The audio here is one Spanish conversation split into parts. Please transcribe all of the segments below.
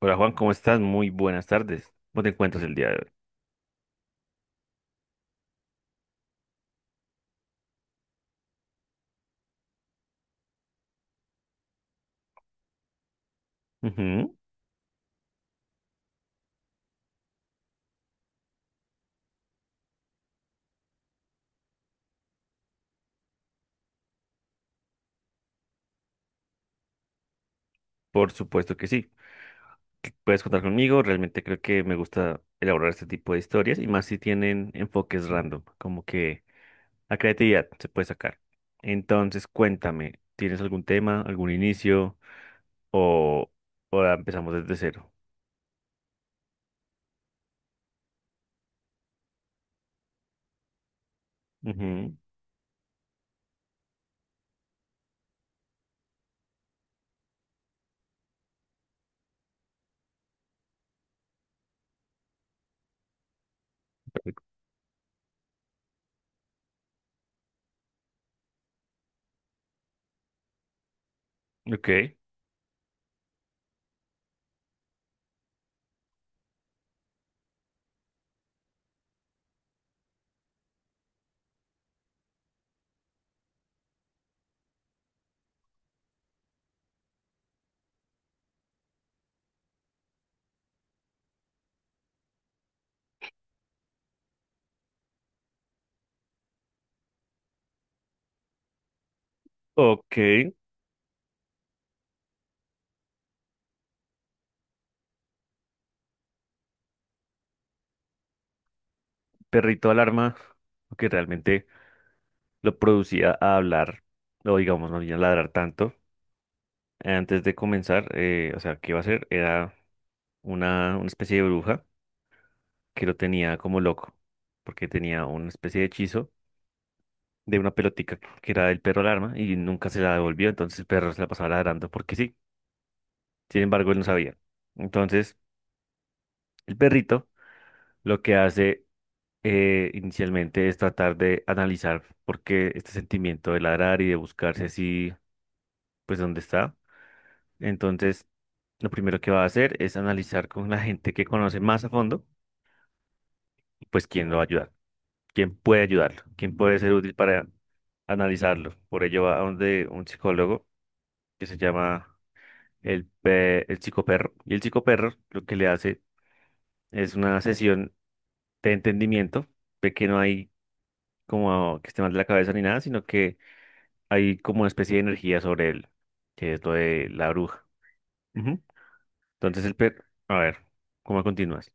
Hola Juan, ¿cómo estás? Muy buenas tardes. ¿Cómo te encuentras el día de hoy? Ujú. Por supuesto que sí. que Puedes contar conmigo. Realmente creo que me gusta elaborar este tipo de historias y más si tienen enfoques random, como que la creatividad se puede sacar. Entonces, cuéntame, ¿tienes algún tema, algún inicio o, o la empezamos desde cero? Ujú, perfecto. Ok, ok. Perrito alarma, que realmente lo producía a hablar, o digamos, no a ladrar tanto. Antes de comenzar, o sea, ¿qué iba a hacer? Era una especie de bruja que lo tenía como loco, porque tenía una especie de hechizo de una pelotica que era del perro alarma y nunca se la devolvió, entonces el perro se la pasaba ladrando porque sí. Sin embargo, él no sabía. Entonces, el perrito lo que hace inicialmente es tratar de analizar por qué este sentimiento de ladrar y de buscarse así, pues, dónde está. Entonces, lo primero que va a hacer es analizar con la gente que conoce más a fondo pues quién lo va a ayudar, quién puede ayudarlo, quién puede ser útil para analizarlo. Por ello va a donde un psicólogo que se llama el psicoperro. Y el psicoperro lo que le hace es una sesión de entendimiento, de que no hay como que esté mal de la cabeza ni nada, sino que hay como una especie de energía sobre él, que es lo de la bruja. Ujú. Entonces A ver, ¿cómo continúas?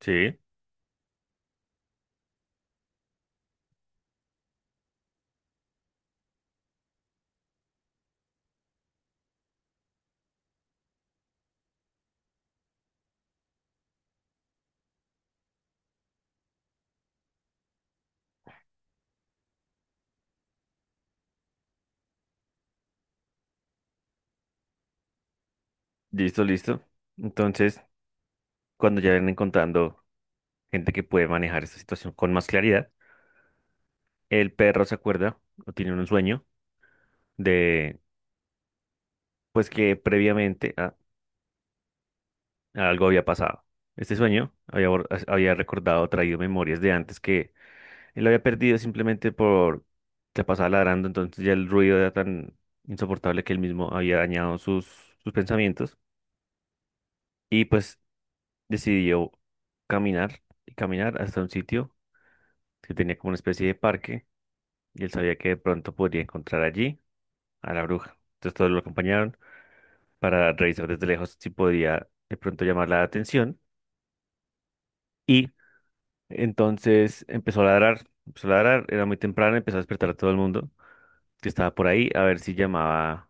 Sí. Listo, listo. Entonces, cuando ya ven encontrando gente que puede manejar esta situación con más claridad. El perro se acuerda o tiene un sueño de, pues que algo había pasado. Este sueño había, había recordado, traído memorias de antes que él había perdido simplemente por se pasaba ladrando, entonces ya el ruido era tan insoportable que él mismo había dañado sus pensamientos y pues decidió caminar y caminar hasta un sitio que tenía como una especie de parque y él sabía que de pronto podría encontrar allí a la bruja. Entonces todos lo acompañaron para revisar desde lejos si podía de pronto llamar la atención. Y entonces empezó a ladrar, era muy temprano, empezó a despertar a todo el mundo que estaba por ahí a ver si llamaba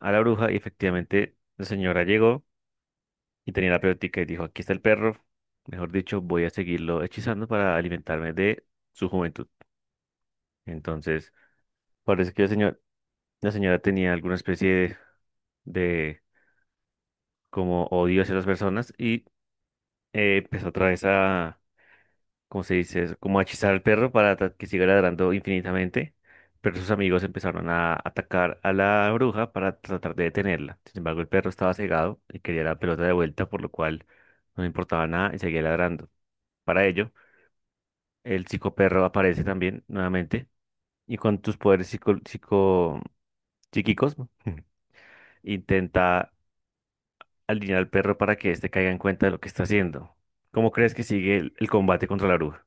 a la bruja. Y efectivamente la señora llegó y tenía la pelotica y dijo, aquí está el perro. Mejor dicho, voy a seguirlo hechizando para alimentarme de su juventud. Entonces, parece que la señora tenía alguna especie de como odio hacia las personas y empezó otra vez ¿cómo se dice eso? Como a hechizar al perro para que siga ladrando infinitamente, pero sus amigos empezaron a atacar a la bruja para tratar de detenerla. Sin embargo, el perro estaba cegado y quería la pelota de vuelta, por lo cual no le importaba nada y seguía ladrando. Para ello, el psicoperro aparece también nuevamente y con tus poderes psico, psico psíquicos intenta alinear al perro para que éste caiga en cuenta de lo que está haciendo. ¿Cómo crees que sigue el combate contra la bruja?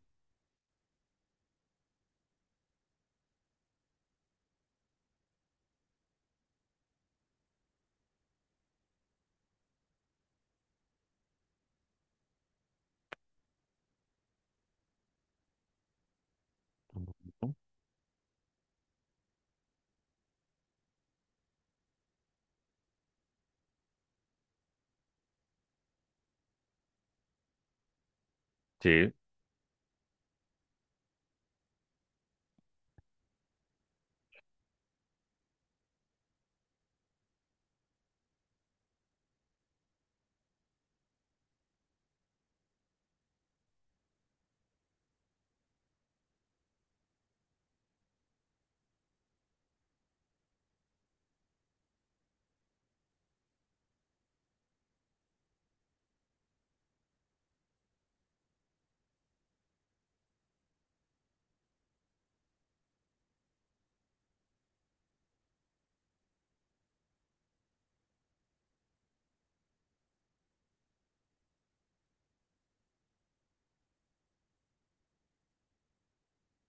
Sí,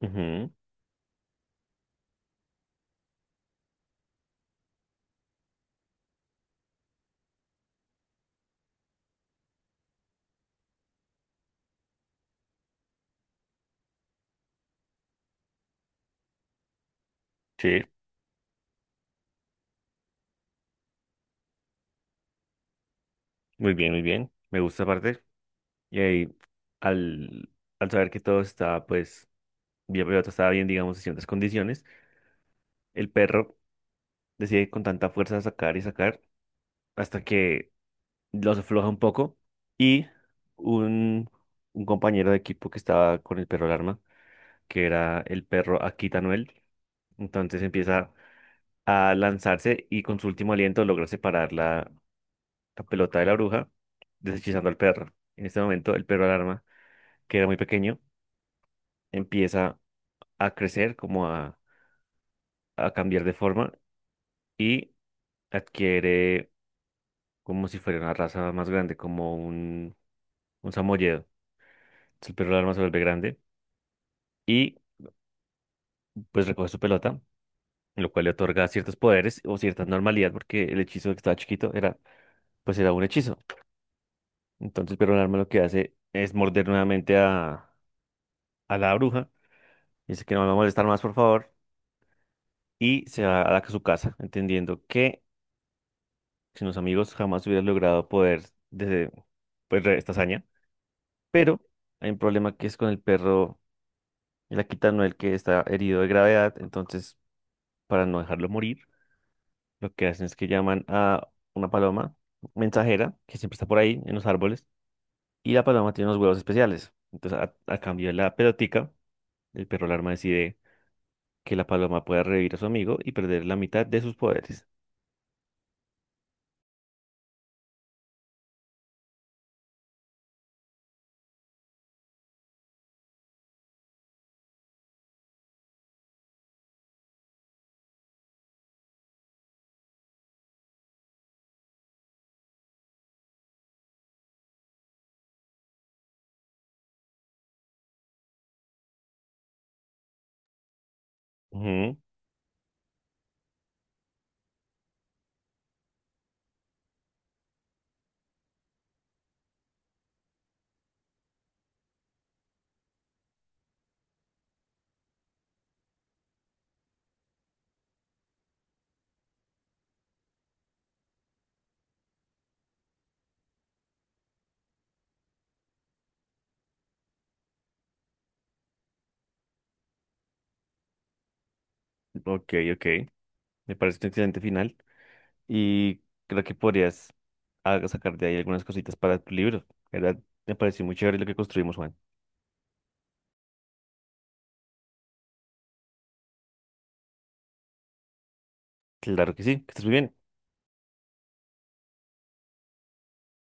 ujú, sí, muy bien, muy bien. Me gusta aparte. Y ahí, al, al saber que todo estaba, pues, bien, pero todo estaba bien, digamos, en ciertas condiciones, el perro decide con tanta fuerza sacar y sacar hasta que los afloja un poco. Y un, un compañero de equipo que estaba con el perro alarma, que era el perro Akita Noel, entonces empieza a lanzarse y con su último aliento logra separar la pelota de la bruja, deshechizando al perro. En este momento, el perro alarma, que era muy pequeño, empieza a crecer, a cambiar de forma y adquiere como si fuera una raza más grande, como un samoyedo. Entonces, el perro alarma se vuelve grande y pues recoge su pelota, lo cual le otorga ciertos poderes o cierta normalidad, porque el hechizo que estaba chiquito era, pues era un hechizo. Entonces, el perro alarma lo que hace es morder nuevamente a la bruja. Dice que no me va a molestar más, por favor, y se va a su casa, entendiendo que sin los amigos jamás hubiera logrado poder desde, esta hazaña. Pero hay un problema que es con el perro, el Akita Noel, que está herido de gravedad, entonces para no dejarlo morir, lo que hacen es que llaman a una paloma mensajera, que siempre está por ahí, en los árboles, y la paloma tiene unos huevos especiales. Entonces, a cambio de la pelotica, el perro alarma decide que la paloma pueda revivir a su amigo y perder la mitad de sus poderes. Ujú. Ok, ok. Me parece un excelente final y creo que podrías sacar de ahí algunas cositas para tu libro. La ¿verdad? Me pareció muy chévere lo que construimos, Juan. Claro que sí, que estés muy bien.